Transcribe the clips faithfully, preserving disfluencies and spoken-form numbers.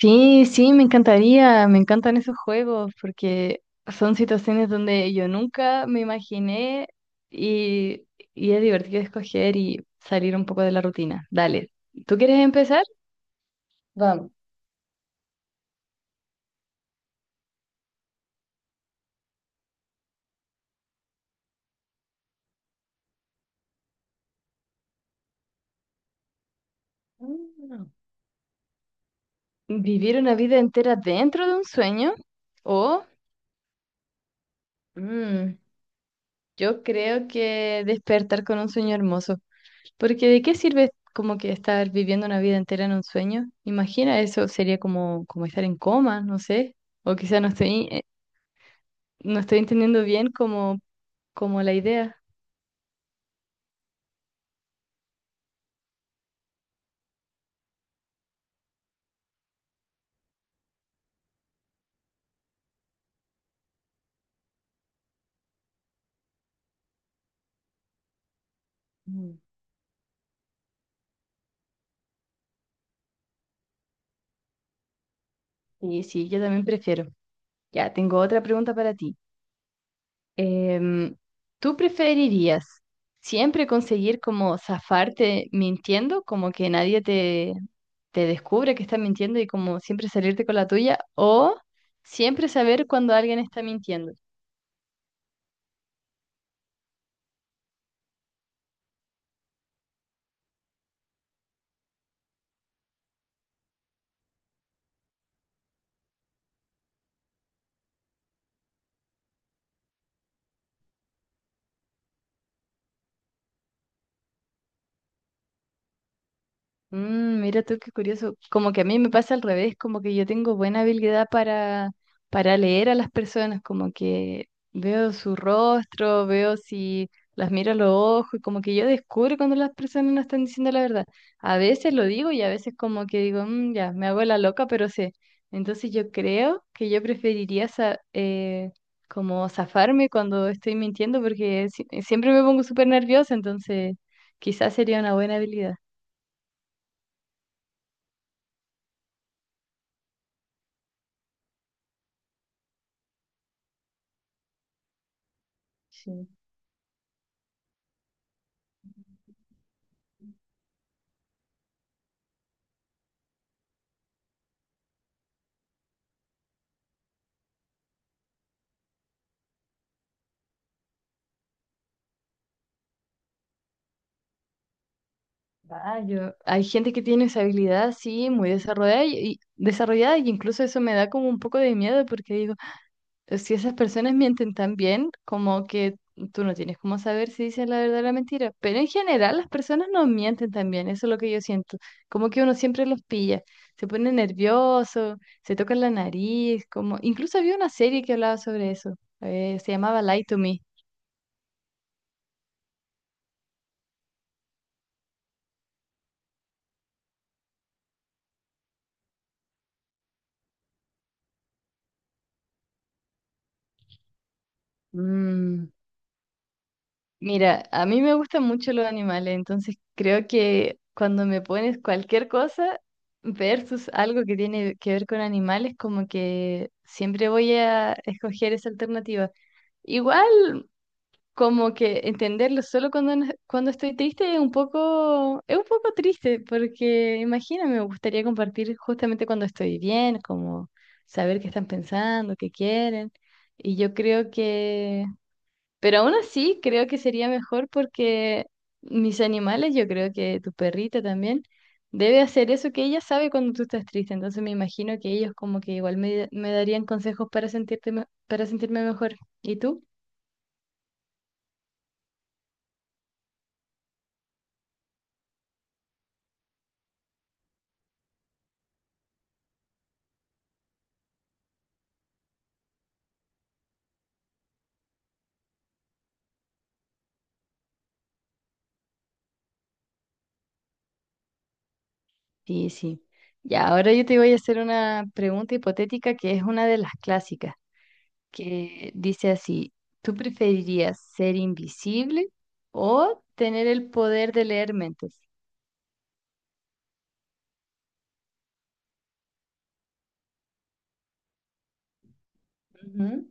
Sí, sí, me encantaría, me encantan esos juegos porque son situaciones donde yo nunca me imaginé y, y es divertido escoger y salir un poco de la rutina. Dale, ¿tú quieres empezar? Vamos. Mm. ¿Vivir una vida entera dentro de un sueño o mm, yo creo que despertar con un sueño hermoso? Porque ¿de qué sirve como que estar viviendo una vida entera en un sueño? Imagina eso, sería como, como estar en coma, no sé. O quizá no estoy, eh, no estoy entendiendo bien como, como la idea. Mm. Y sí, yo también prefiero. Ya, tengo otra pregunta para ti. Em, ¿tú preferirías siempre conseguir como zafarte mintiendo, como que nadie te, te descubre que estás mintiendo y como siempre salirte con la tuya? ¿O siempre saber cuando alguien está mintiendo? Mm, mira tú qué curioso. Como que a mí me pasa al revés, como que yo tengo buena habilidad para, para leer a las personas, como que veo su rostro, veo si las miro a los ojos, y como que yo descubro cuando las personas no están diciendo la verdad. A veces lo digo y a veces como que digo, "Mm, ya, me hago la loca, pero sé." Entonces yo creo que yo preferiría sa- eh, como zafarme cuando estoy mintiendo porque si- siempre me pongo súper nerviosa, entonces quizás sería una buena habilidad. Sí. Ah, yo- hay gente que tiene esa habilidad, sí, muy desarrollada y, y- desarrollada y incluso eso me da como un poco de miedo porque digo, pues, si esas personas mienten tan bien, como que tú no tienes cómo saber si dicen la verdad o la mentira. Pero en general las personas no mienten tan bien, eso es lo que yo siento. Como que uno siempre los pilla, se pone nervioso, se toca la nariz, como incluso había una serie que hablaba sobre eso, eh, se llamaba Lie to Me. Mm. Mira, a mí me gustan mucho los animales, entonces creo que cuando me pones cualquier cosa versus algo que tiene que ver con animales, como que siempre voy a escoger esa alternativa. Igual, como que entenderlo solo cuando, no- cuando estoy triste es un poco, es un poco triste, porque imagina, me gustaría compartir justamente cuando estoy bien, como saber qué están pensando, qué quieren. Y yo creo que pero aún así, creo que sería mejor porque mis animales, yo creo que tu perrita también, debe hacer eso que ella sabe cuando tú estás triste. Entonces me imagino que ellos como que igual me, me darían consejos para sentirte, me- para sentirme mejor. ¿Y tú? Sí, sí. Ya, ahora yo te voy a hacer una pregunta hipotética que es una de las clásicas, que dice así, ¿tú preferirías ser invisible o tener el poder de leer mentes? Ujú.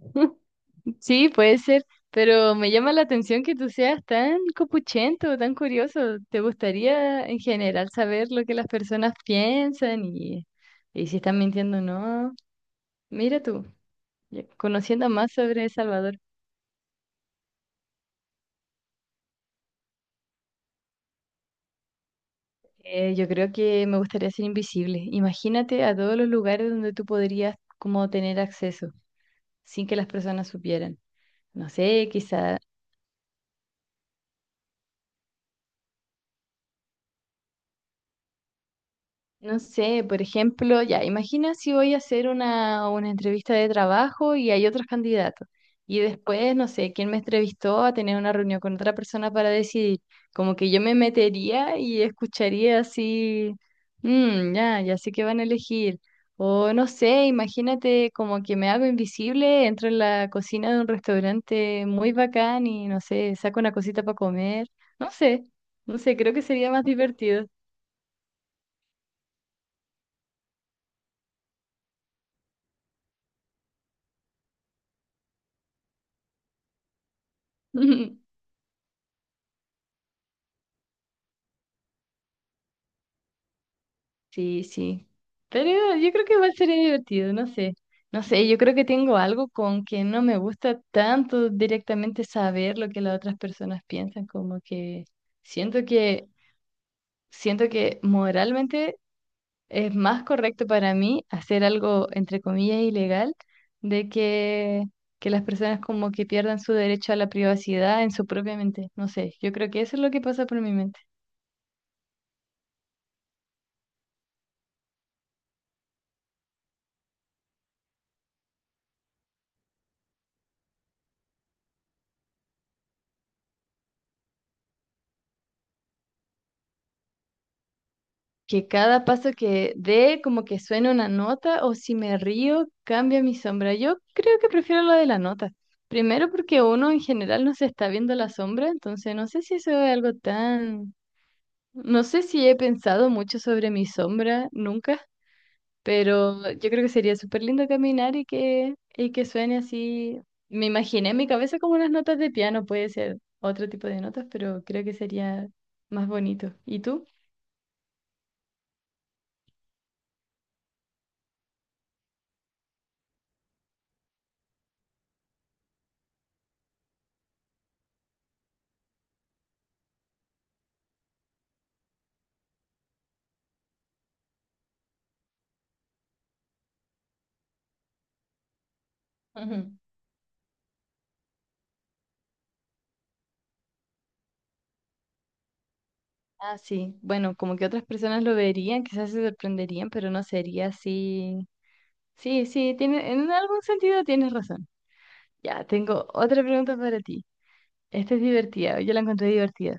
Sí, puede ser, pero me llama la atención que tú seas tan copuchento, tan curioso. ¿Te gustaría en general saber lo que las personas piensan y, y si están mintiendo o no? Mira tú, ya- conociendo más sobre El Salvador, eh, yo creo que me gustaría ser invisible. Imagínate a todos los lugares donde tú podrías como tener acceso sin que las personas supieran. No sé, quizá no sé, por ejemplo, ya, imagina si voy a hacer una, una entrevista de trabajo y hay otros candidatos. Y después, no sé, quién me entrevistó a tener una reunión con otra persona para decidir. Como que yo me metería y escucharía así, "Mm, ya, ya sé que van a elegir." O no sé, imagínate como que me hago invisible, entro en la cocina de un restaurante muy bacán y no sé, saco una cosita para comer. No sé, no sé, creo que sería más divertido. Sí, sí. Pero yo creo que igual sería divertido, no sé. No sé, yo creo que tengo algo con que no me gusta tanto directamente saber lo que las otras personas piensan, como que siento que siento que moralmente es más correcto para mí hacer algo entre comillas ilegal de que que las personas como que pierdan su derecho a la privacidad en su propia mente. No sé, yo creo que eso es lo que pasa por mi mente. Que cada paso que dé como que suene una nota o si me río cambia mi sombra. Yo creo que prefiero lo de la nota. Primero porque uno en general no se está viendo la sombra, entonces no sé si eso es algo tan... No sé si he pensado mucho sobre mi sombra nunca, pero yo creo que sería súper lindo caminar y que, y que suene así. Me imaginé en mi cabeza como unas notas de piano, puede ser otro tipo de notas, pero creo que sería más bonito. ¿Y tú? Ujú. Ah, sí. Bueno, como que otras personas lo verían, quizás se sorprenderían, pero no sería así. Sí, sí, tiene, en algún sentido tienes razón. Ya, tengo otra pregunta para ti. Esta es divertida, yo la encontré divertida.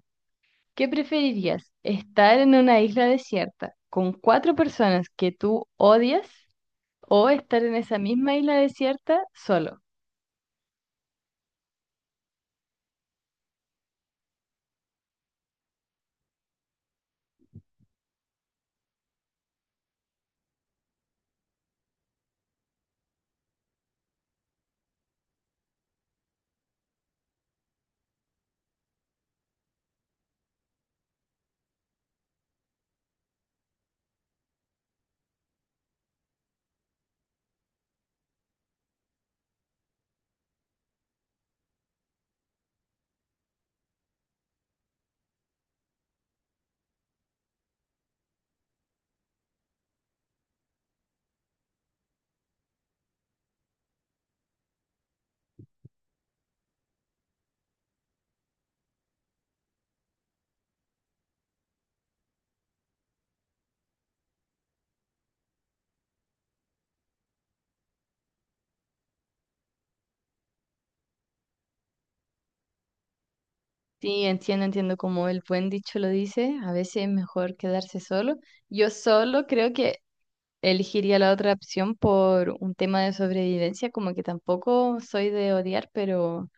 ¿Qué preferirías? ¿Estar en una isla desierta con cuatro personas que tú odias o estar en esa misma isla desierta solo? Sí, entiendo, entiendo como el buen dicho lo dice, a veces es mejor quedarse solo. Yo solo creo que elegiría la otra opción por un tema de sobrevivencia, como que tampoco soy de odiar, pero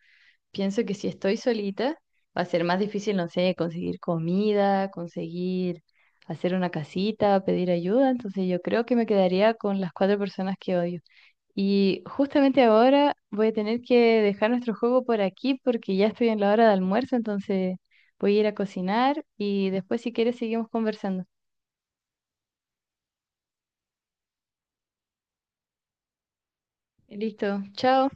pienso que si estoy solita va a ser más difícil, no sé, conseguir comida, conseguir hacer una casita, pedir ayuda, entonces yo creo que me quedaría con las cuatro personas que odio. Y justamente ahora voy a tener que dejar nuestro juego por aquí porque ya estoy en la hora de almuerzo, entonces voy a ir a cocinar y después si quieres seguimos conversando. Listo, chao.